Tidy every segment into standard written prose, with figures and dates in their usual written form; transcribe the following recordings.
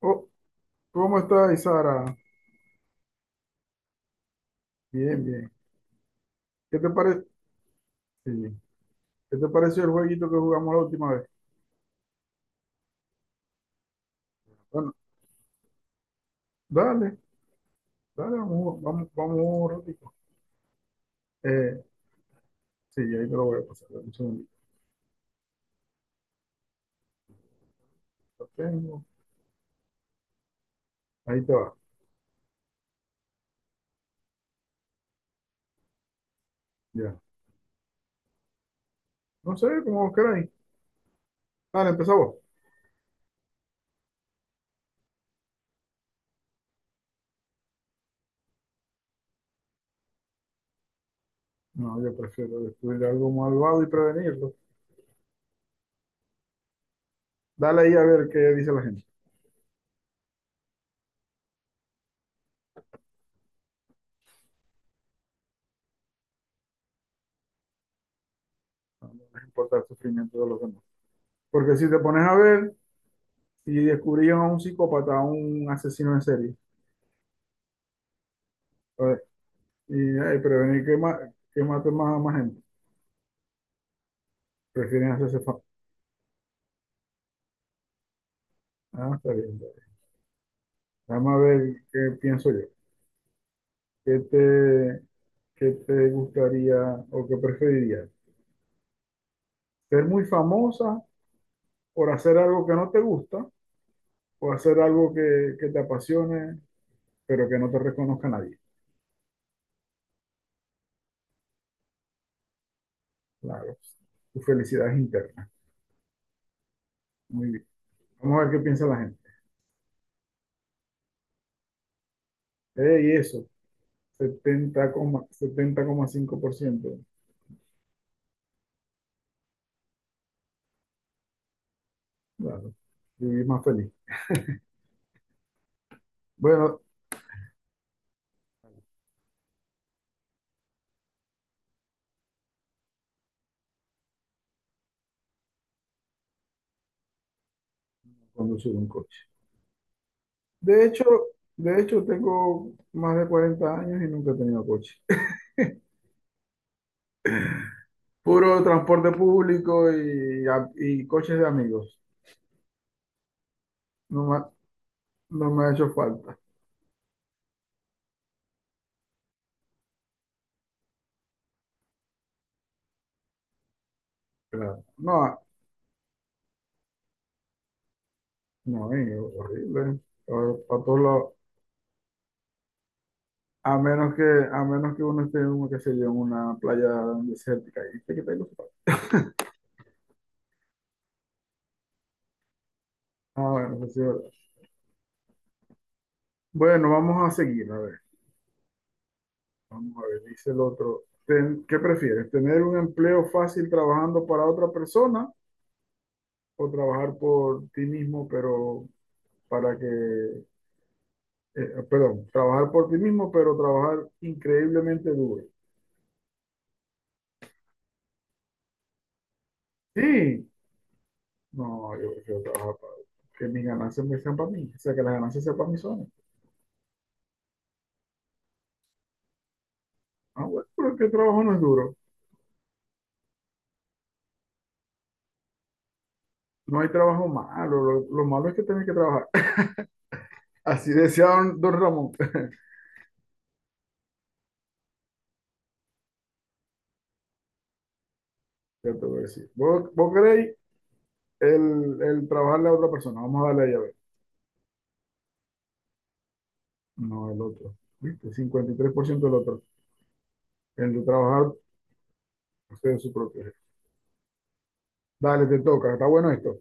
Oh, ¿cómo estás, Sara? Bien, bien. ¿Qué te parece? ¿Qué te pareció el jueguito que jugamos la última vez? Bueno, dale, dale, vamos, vamos, vamos un ratito. Eh, sí, ahí te lo voy a pasar. Dame un segundito. Lo tengo. Ahí te va. Ya. No sé, como vos queráis. Dale, empezá vos. No, yo prefiero descubrir algo malvado y prevenirlo. Dale ahí a ver qué dice la gente. No, no les importa el sufrimiento de los demás. Porque si te pones a ver, si descubrían a un psicópata, a un asesino en serie. eh, Y ay, prevenir que, ma que maten más a más gente. Prefieren hacerse fa-. Ah, está bien, está bien. Vamos a ver qué pienso yo. ¿Qué te, qué te gustaría o qué preferirías? ¿Ser muy famosa por hacer algo que no te gusta o hacer algo que te apasione pero que no te reconozca nadie? Claro, tu felicidad es interna. Muy bien. Vamos a ver qué piensa la gente. Y eso, 70,5%. Claro, vivir más feliz. Bueno, conducir un coche. De hecho, de hecho, tengo más de 40 años y nunca he tenido coche. Puro transporte público y, y coches de amigos. No me, ha- no me ha hecho falta. Claro. No, no, es horrible. Para todos lados. A menos que, a menos que uno esté qué sé yo, en una playa desértica. Y que tengo zapatos. Ah, bueno, eso sí es verdad. Bueno, vamos a seguir. A ver, vamos a ver, dice el otro. ¿Qué prefieres? ¿Tener un empleo fácil trabajando para otra persona, o trabajar por ti mismo, pero para que, eh, perdón, trabajar por ti mismo, pero trabajar increíblemente duro? Sí, no, yo prefiero trabajar para que mis ganancias me sean para mí, o sea, que las ganancias sean para mí solas. Ah, bueno, pero es que el trabajo no es duro. No hay trabajo malo, lo malo es que tenés que trabajar. Así decía don Ramón. Ya te voy a decir. ¿Vos queréis el trabajarle a otra persona? Vamos a darle ahí a ver. No, el otro. ¿Viste? 53% del otro. El de trabajar usted es su propio. Dale, te toca, está bueno esto.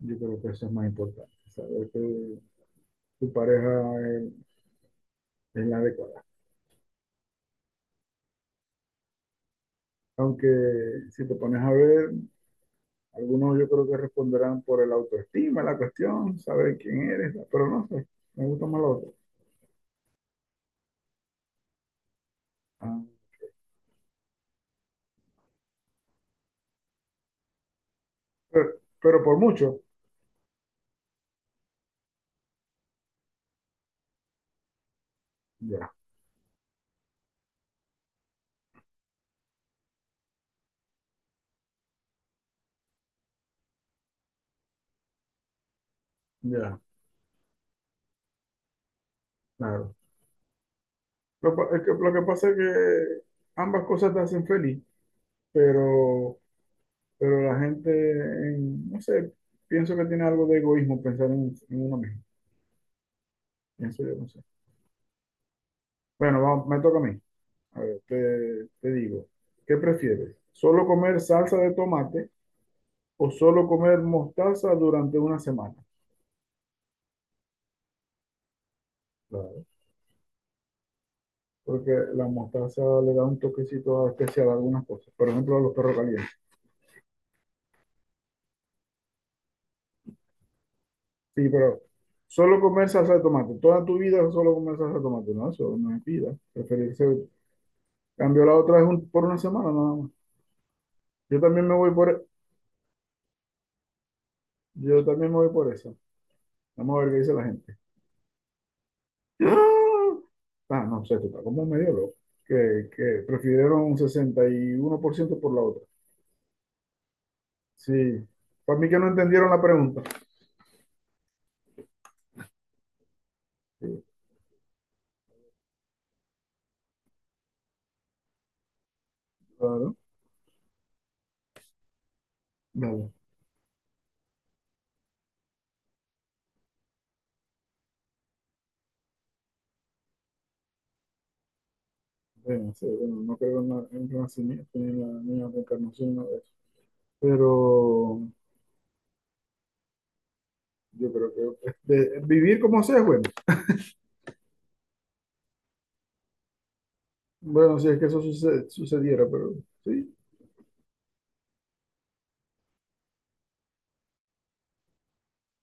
Yo creo que eso es más importante, saber que tu pareja es la adecuada. Aunque si te pones a ver, algunos yo creo que responderán por el autoestima, la cuestión, saber quién eres, pero no sé, me gusta más lo otro. Ah, pero por mucho, ya, ya, claro. Es que, lo que pasa es que ambas cosas te hacen feliz, pero, pero la gente, no sé, pienso que tiene algo de egoísmo pensar en uno mismo, pienso yo, no sé. Bueno, vamos, me toca a mí. A ver, te digo, ¿qué prefieres? ¿Solo comer salsa de tomate o solo comer mostaza durante una semana? Claro. Porque la mostaza le da un toquecito especial a algunas cosas, por ejemplo a los perros calientes. Sí, pero solo comer salsa de tomate, toda tu vida solo comer salsa de tomate, no, eso no es vida. Preferirse, cambio la otra es un- por una semana nada más. Yo también me voy por, e, yo también me voy por esa. Vamos a ver qué dice la gente. ¡Ah! Ah, no sé, tú estás como medio loco. Que prefirieron un 61% por ciento por la otra. Sí. Para mí que no entendieron la pregunta. Sí, claro. Dale. Bueno, sí, bueno, no creo en el renacimiento ni en la reencarnación, nada de eso. Pero yo creo que este, vivir como sea es bueno. Bueno, si es que eso sucediera, pero sí.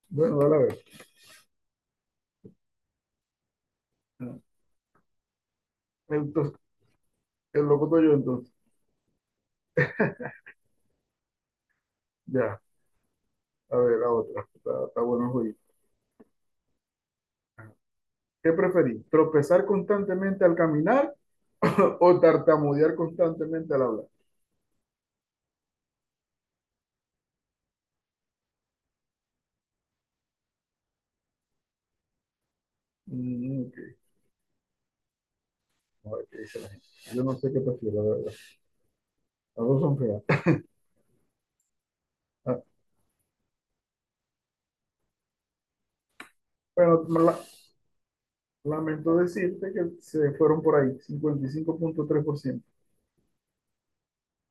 Bueno, dale a ver. Ah, entonces, el loco soy yo entonces. Ya, a ver, la otra. Está bueno el juego. ¿Qué preferís? ¿Tropezar constantemente al caminar o tartamudear constantemente al hablar? Mm, ok. A ver qué dice la gente. Yo no sé qué prefiero, la verdad. Las dos son feas. Ah, bueno, lamento decirte que se fueron por ahí, 55,3%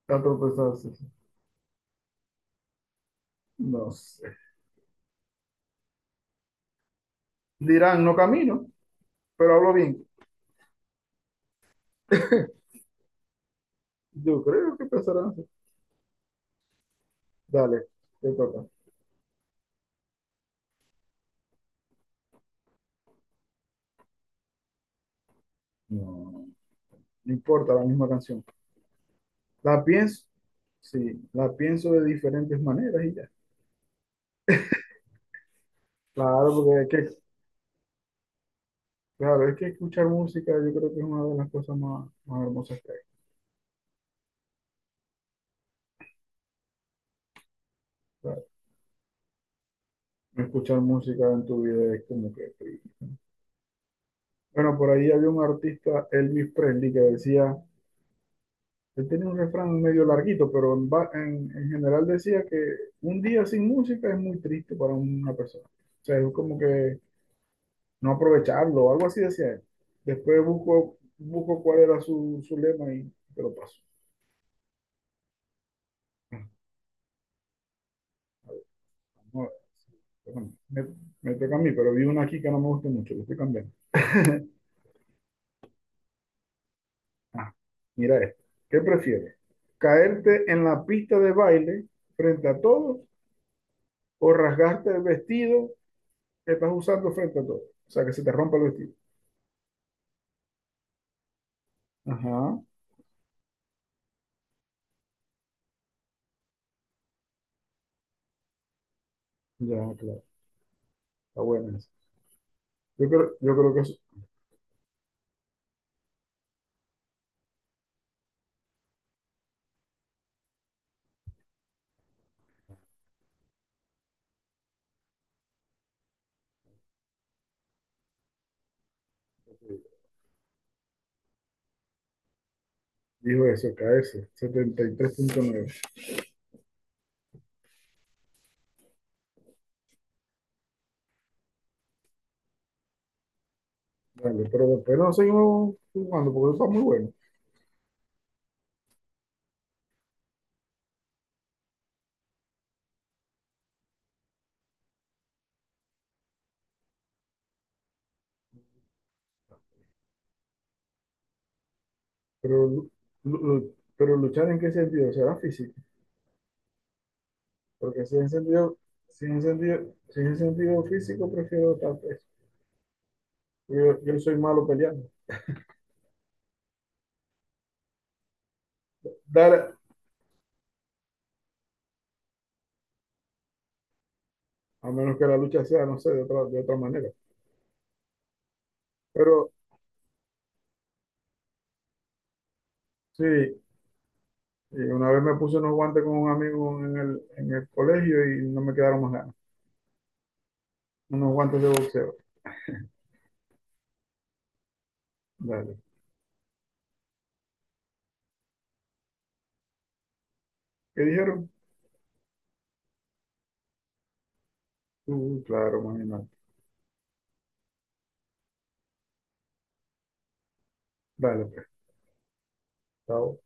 a tropezarse. Sí. No sé. Dirán, no camino, pero hablo bien. Yo creo que empezarán así. Dale, te toca. No, no importa, la misma canción. La pienso, sí, la pienso de diferentes maneras y ya. Claro, porque hay que... Claro, es que escuchar música yo creo que es una de las cosas más, más hermosas que hay. Claro. Escuchar música en tu vida es como que... Bueno, por ahí había un artista, Elvis Presley, que decía, él tenía un refrán medio larguito, pero en general decía que un día sin música es muy triste para una persona. O sea, es como que no aprovecharlo, algo así decía él. Después busco cuál era su lema y te lo paso. Vamos a Bueno, me toca a mí, pero vi una aquí que no me gusta mucho, lo estoy cambiando. Ah, mira esto. ¿Qué prefieres? ¿Caerte en la pista de baile frente a todos o rasgarte el vestido que estás usando frente a todos? O sea, que se te rompa el vestido. Ajá, ya, claro. Está buena esa. Yo creo que eso, dijo eso, caerse, 73,9. Vale, pero después no seguimos jugando porque eso está muy bueno. Pero, lu- pero luchar, ¿en qué sentido? ¿Será físico? Porque si es en sentido físico, prefiero estar preso. Yo soy malo peleando. Dar, a menos que la lucha sea, no sé, de otra manera. Pero sí, y una vez me puse unos guantes con un amigo en el colegio y no me quedaron más ganas. Unos guantes de boxeo. Dale. ¿Qué dijeron? Claro, imagínate. Dale, pues. Chao.